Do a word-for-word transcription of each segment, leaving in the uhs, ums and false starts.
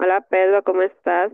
Hola Pedro, ¿cómo estás?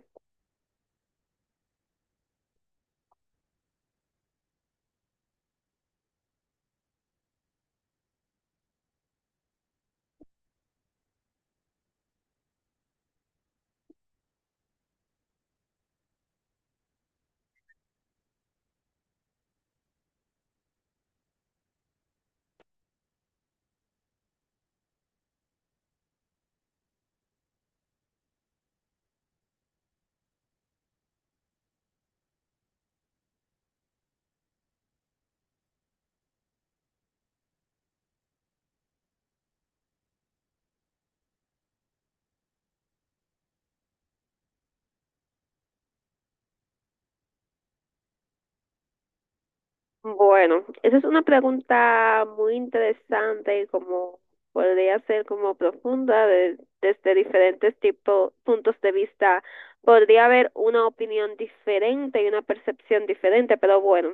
Bueno, esa es una pregunta muy interesante y como podría ser como profunda de- desde diferentes tipos, puntos de vista. Podría haber una opinión diferente y una percepción diferente, pero bueno,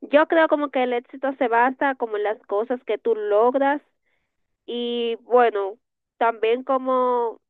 yo creo como que el éxito se basa como en las cosas que tú logras y bueno, también como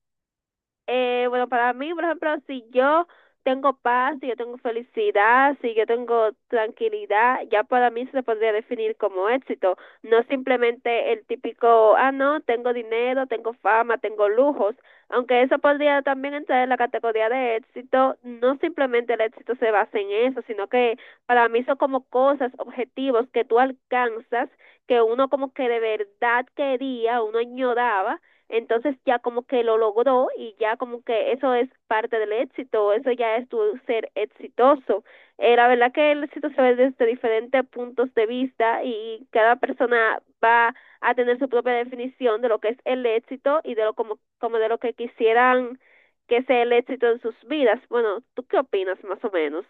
Eh, bueno, para mí, por ejemplo, si yo tengo paz, si yo tengo felicidad, si yo tengo tranquilidad, ya para mí se podría definir como éxito. No simplemente el típico, ah, no, tengo dinero, tengo fama, tengo lujos. Aunque eso podría también entrar en la categoría de éxito, no simplemente el éxito se basa en eso, sino que para mí son como cosas, objetivos que tú alcanzas, que uno como que de verdad quería, uno añoraba, entonces ya como que lo logró y ya como que eso es parte del éxito, eso ya es tu ser exitoso. Eh, la verdad que el éxito se ve desde diferentes puntos de vista y cada persona va a tener su propia definición de lo que es el éxito y de lo como, como de lo que quisieran que sea el éxito en sus vidas. Bueno, ¿tú qué opinas más o menos?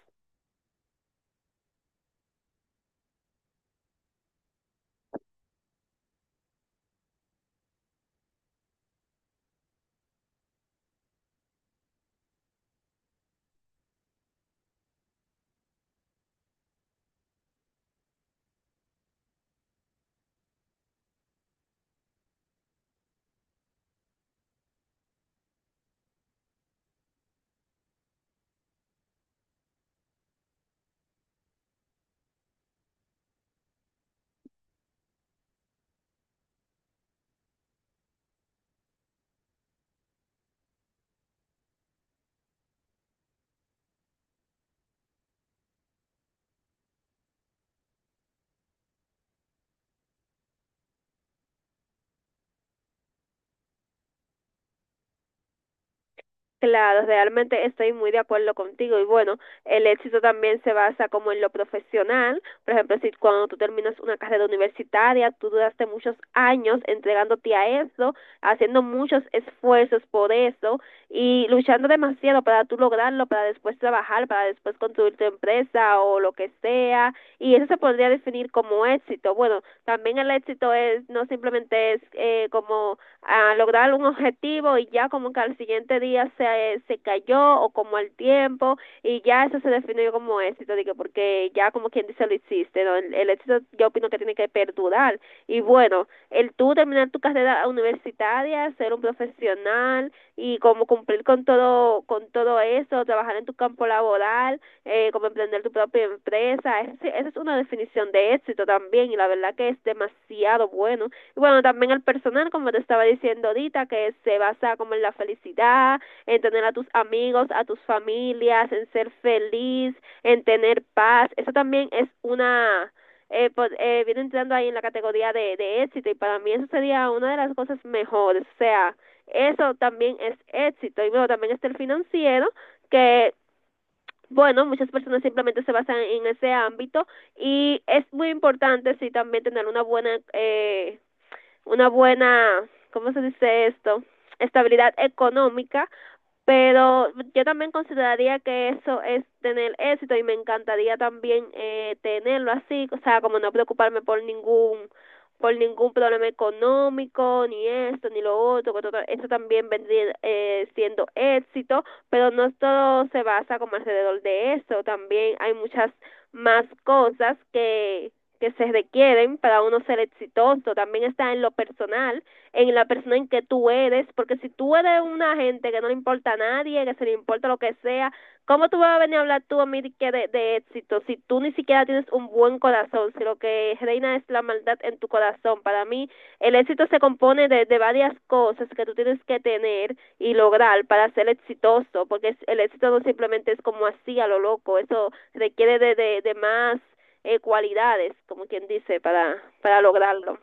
Claro, realmente estoy muy de acuerdo contigo y bueno, el éxito también se basa como en lo profesional, por ejemplo, si cuando tú terminas una carrera universitaria, tú duraste muchos años entregándote a eso, haciendo muchos esfuerzos por eso y luchando demasiado para tú lograrlo, para después trabajar, para después construir tu empresa o lo que sea, y eso se podría definir como éxito. Bueno, también el éxito es no simplemente es eh, como a lograr un objetivo y ya como que al siguiente día se, se cayó o como al tiempo y ya eso se definió como éxito, digo, porque ya como quien dice lo hiciste, ¿no? el, el, éxito yo opino que tiene que perdurar y bueno, el tú terminar tu carrera universitaria, ser un profesional y como cumplir con todo, con todo eso, trabajar en tu campo laboral, eh, como emprender tu propia empresa, esa es una definición de éxito también y la verdad que es demasiado bueno y bueno, también el personal, como te estaba diciendo ahorita, que se basa como en la felicidad, en tener a tus amigos, a tus familias, en ser feliz, en tener paz. Eso también es una, eh, pues, eh, viene entrando ahí en la categoría de, de éxito y para mí eso sería una de las cosas mejores. O sea, eso también es éxito. Y bueno, también está el financiero, que bueno, muchas personas simplemente se basan en ese ámbito y es muy importante sí también tener una buena eh, una buena, ¿cómo se dice esto? Estabilidad económica, pero yo también consideraría que eso es tener éxito y me encantaría también eh, tenerlo así, o sea, como no preocuparme por ningún por ningún problema económico, ni esto, ni lo otro, que todo- eso también vendría eh, siendo éxito, pero no todo se basa como alrededor de eso, también hay muchas más cosas que, que se requieren para uno ser exitoso, también está en lo personal, en la persona en que tú eres, porque si tú eres una gente que no le importa a nadie, que se le importa lo que sea, ¿cómo tú vas a venir a hablar tú a mí de, de, de éxito si tú ni siquiera tienes un buen corazón, si lo que reina es la maldad en tu corazón? Para mí, el éxito se compone de, de varias cosas que tú tienes que tener y lograr para ser exitoso, porque el éxito no simplemente es como así a lo loco, eso requiere de, de, de más eh, cualidades, como quien dice, para, para lograrlo.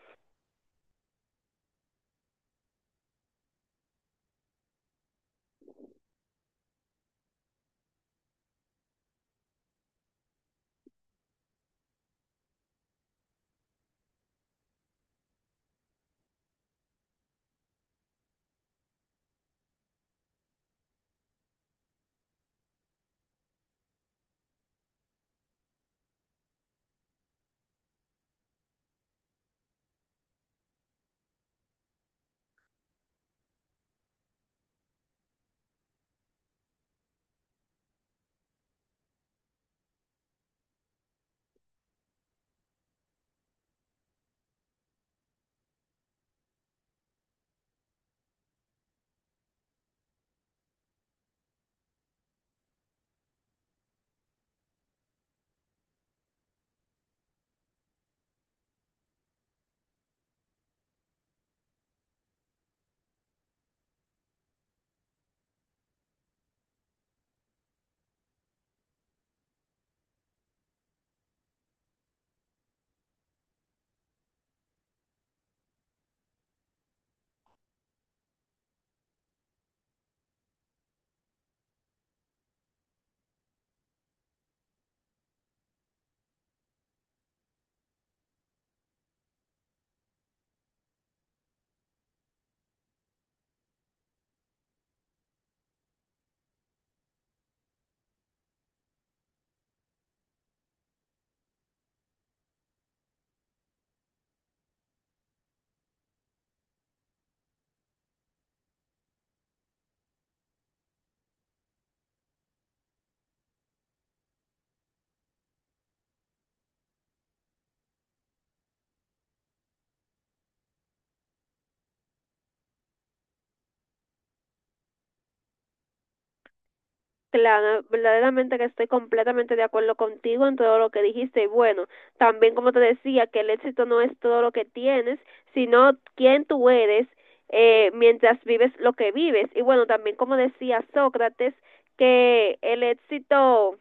Claro, verdaderamente que estoy completamente de acuerdo contigo en todo lo que dijiste. Y bueno, también como te decía, que el éxito no es todo lo que tienes, sino quién tú eres eh, mientras vives lo que vives. Y bueno, también como decía Sócrates, que el éxito,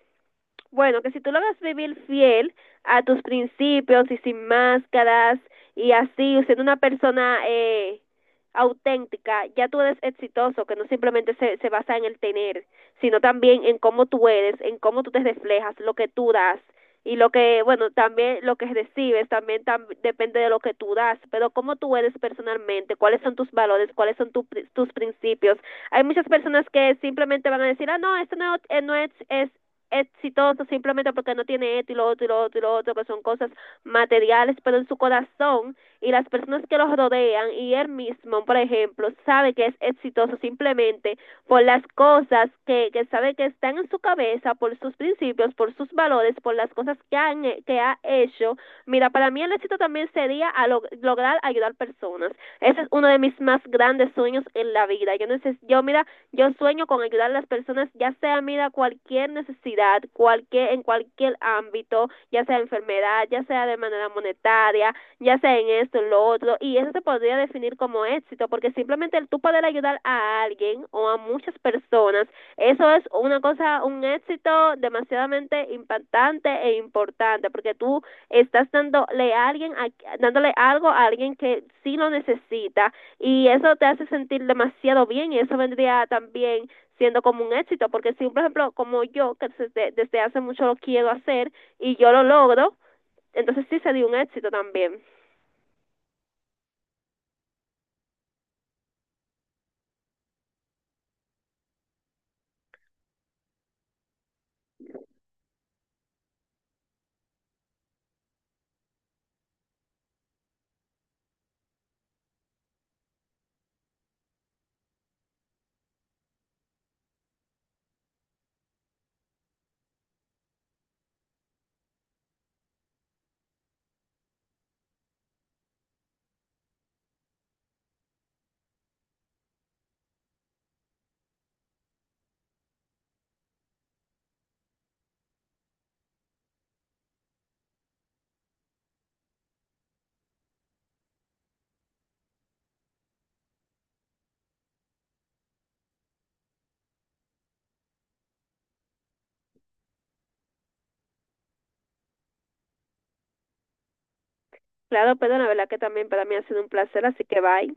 bueno, que si tú logras vivir fiel a tus principios y sin máscaras y así, siendo una persona eh, auténtica, ya tú eres exitoso, que no simplemente se, se basa en el tener, sino también en cómo tú eres, en cómo tú te reflejas, lo que tú das y lo que, bueno, también lo que recibes, también tam- depende de lo que tú das, pero cómo tú eres personalmente, cuáles son tus valores, cuáles son tu pri- tus principios. Hay muchas personas que simplemente van a decir, ah, no, esto no, eh, no es, es exitoso simplemente porque no tiene esto y lo otro y lo otro y lo otro, que son cosas materiales, pero en su corazón y las personas que los rodean y él mismo, por ejemplo, sabe que es exitoso simplemente por las cosas que, que sabe que están en su cabeza, por sus principios, por sus valores, por las cosas que, han, que ha hecho. Mira, para mí el éxito también sería a log lograr ayudar personas. Ese es uno de mis más grandes sueños en la vida. Yo, no sé, yo mira, yo sueño con ayudar a las personas, ya sea, mira, cualquier necesidad, cualquier, en cualquier ámbito, ya sea enfermedad, ya sea de manera monetaria, ya sea en esto, en lo otro, y eso se podría definir como éxito, porque simplemente el tú poder ayudar a alguien o a muchas personas, eso es una cosa, un éxito demasiadamente impactante e importante, porque tú estás dándole a alguien, a, dándole algo a alguien que sí lo necesita y eso te hace sentir demasiado bien y eso vendría también siendo como un éxito porque si por ejemplo como yo que desde, desde hace mucho lo quiero hacer y yo lo logro, entonces sí sería un éxito también. Claro, pero la verdad que también para mí ha sido un placer, así que bye.